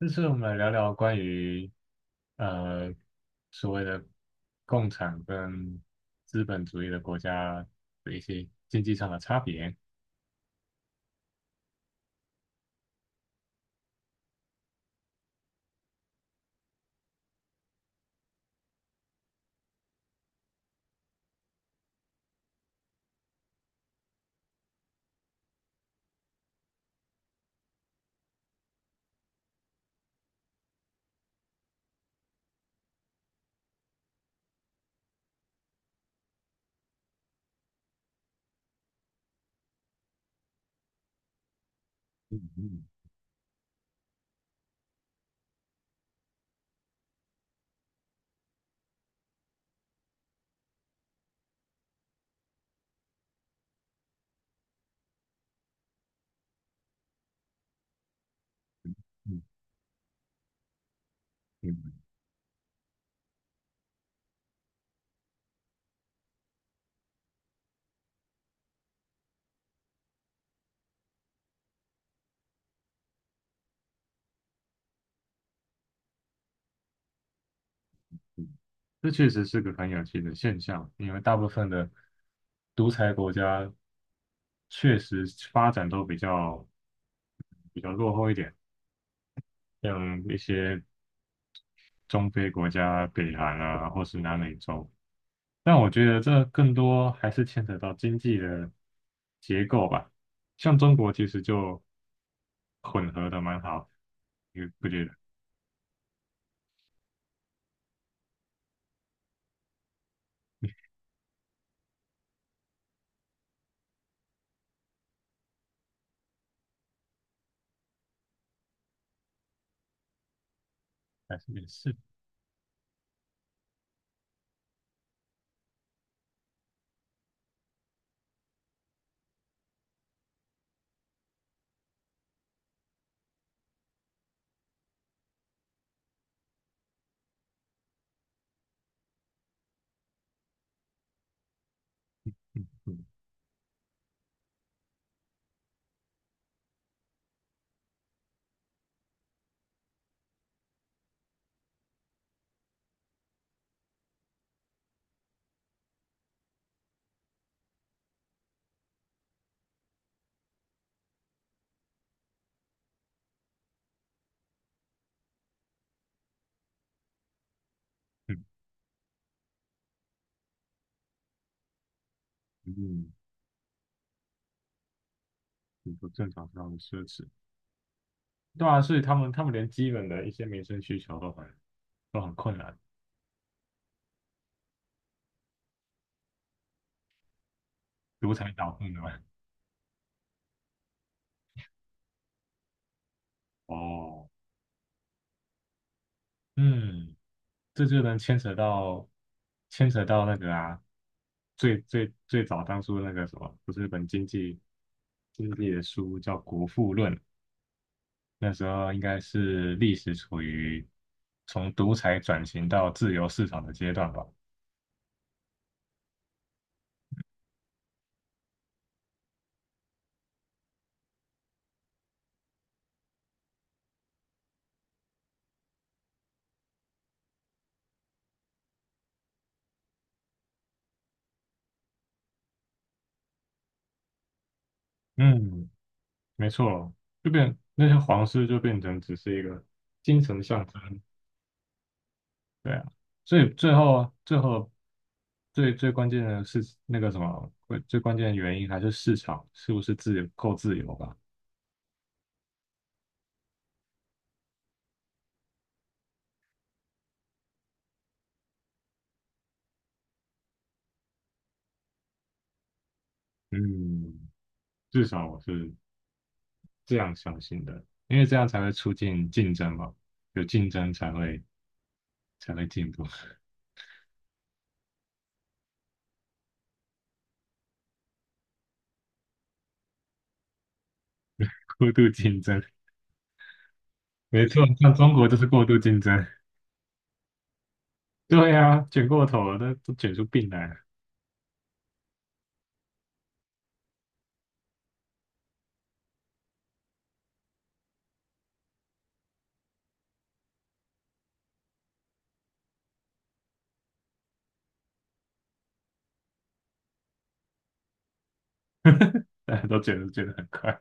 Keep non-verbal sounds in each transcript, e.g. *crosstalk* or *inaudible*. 这次我们来聊聊关于呃所谓的共产跟资本主义的国家的一些经济上的差别。嗯嗯嗯嗯，这确实是个很有趣的现象，因为大部分的独裁国家确实发展都比较落后一点，像一些中非国家、北韩啊，或是南美洲。但我觉得这更多还是牵扯到经济的结构吧。像中国其实就混合的蛮好，你不觉得？还是也是，嗯嗯嗯，很不正常，非常的奢侈。对啊，所以他们连基本的一些民生需求都很困难，独裁导致的嘛。哦，嗯。这就能牵扯到那个啊，最最最早当初那个什么，不是日本经济的书叫《国富论》，那时候应该是历史处于从独裁转型到自由市场的阶段吧。嗯，没错，就变那些皇室就变成只是一个精神象征，对啊，所以最后最最关键的是那个什么，会最关键的原因还是市场是不是自由够自由吧？嗯，至少我是这样相信的，因为这样才会促进竞争嘛，有竞争才会进步，*laughs* 过度竞争，没错，像中国就是过度竞争，对啊，卷过头了，都卷出病来了，大家都卷得很快。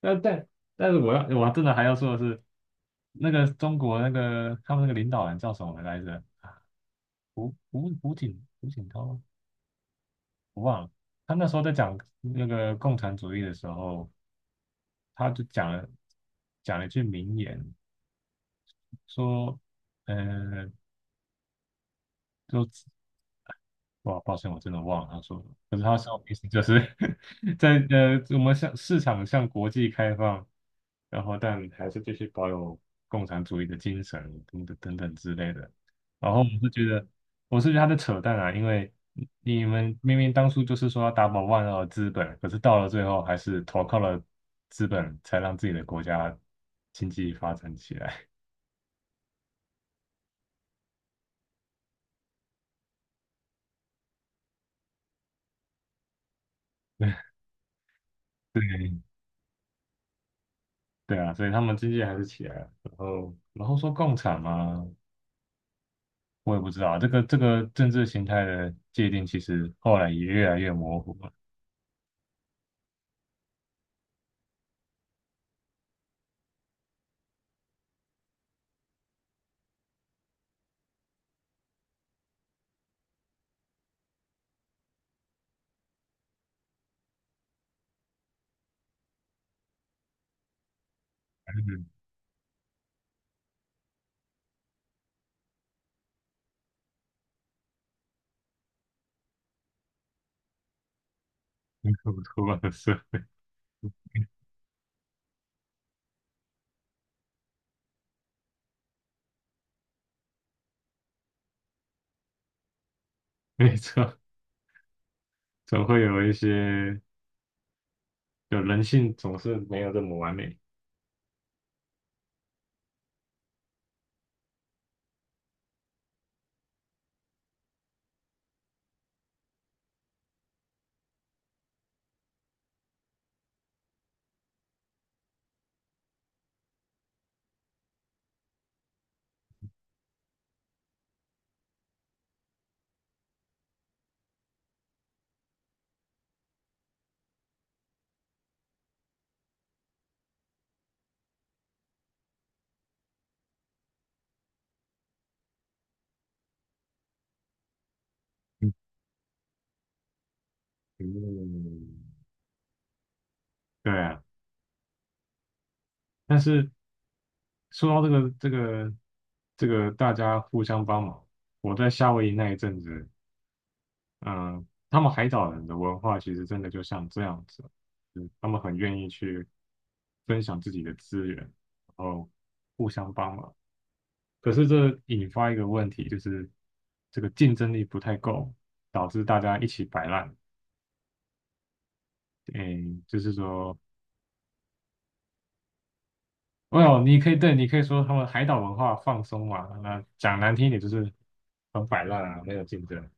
但但是我真的还要说的是，那个中国那个他们那个领导人叫什么来着？胡锦涛吗，我忘了。他那时候在讲那个共产主义的时候，他就讲了一句名言，说，呃，就。"哇，抱歉，我真的忘了他说的。可是他说的意思就是 *laughs* 在我们向市场向国际开放，然后但还是继续保有共产主义的精神等等等等之类的。然后我是觉得，我是觉得他在扯淡啊，因为你们明明当初就是说要打倒万恶资本，可是到了最后还是投靠了资本，才让自己的国家经济发展起来。*laughs* 对对啊，所以他们经济还是起来了。然后说共产嘛，我也不知道这个政治形态的界定，其实后来也越来越模糊了，还是很可出恶说 *laughs* 没错，总会有一些，就人性总是没有这么完美。嗯，嗯对啊，但是说到这个大家互相帮忙，我在夏威夷那一阵子，嗯，他们海岛人的文化其实真的就像这样子，就是他们很愿意去分享自己的资源，然后互相帮忙。可是这引发一个问题，就是这个竞争力不太够，导致大家一起摆烂。诶，就是说哦，你可以对，你可以说他们海岛文化放松嘛，那讲难听一点就是很摆烂啊，没有竞争。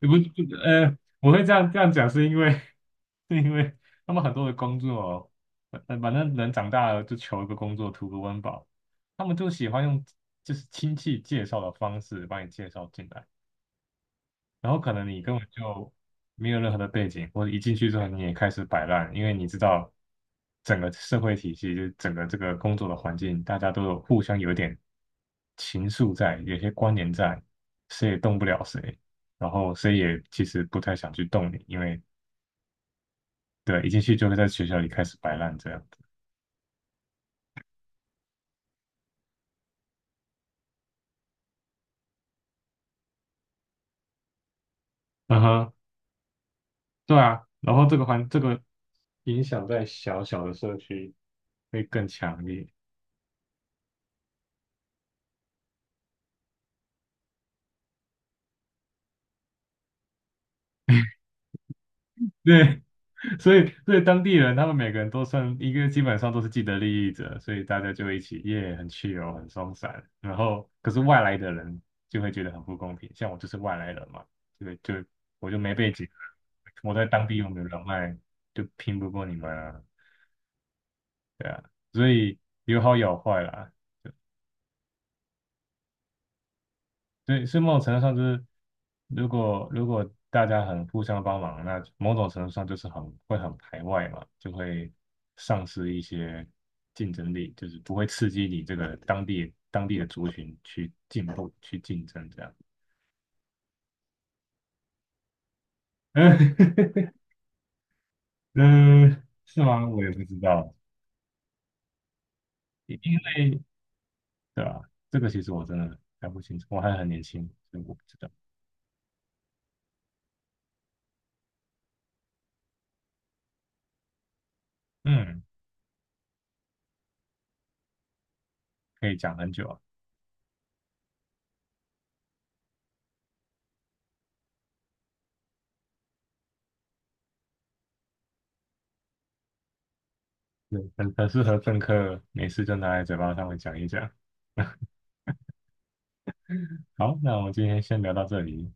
不，不,我会这样讲是因为 *laughs* 是因为他们很多的工作哦反正人长大了就求一个工作，图个温饱，他们就喜欢用就是亲戚介绍的方式把你介绍进来。然后可能你根本就没有任何的背景，或者一进去之后你也开始摆烂，因为你知道整个社会体系，就是整个这个工作的环境，大家都有互相有点情愫在，有些关联在，谁也动不了谁，然后谁也其实不太想去动你，因为对，一进去就会在学校里开始摆烂这样。嗯哼，对啊，然后这个环这个影响在小小的社区会更强烈。对，所以当地人他们每个人都算一个，基本上都是既得利益者，所以大家就一起耶，很 chill,很松散。然后可是外来的人就会觉得很不公平，像我就是外来人嘛，就我就没背景，我在当地又没有人脉，就拼不过你们啊，对啊，所以有好有坏啦。对，是某种程度上就是，如果大家很互相帮忙，那某种程度上就是很会很排外嘛，就会丧失一些竞争力，就是不会刺激你这个当地的族群去进步、去竞争这样。*laughs* 嗯，嗯是吗？我也不知道，因为对吧？这个其实我真的还不清楚，我还很年轻，所以我不知道。嗯，可以讲很久啊，对，很适合政客，没事就拿来嘴巴上面讲一讲。好，那我们今天先聊到这里。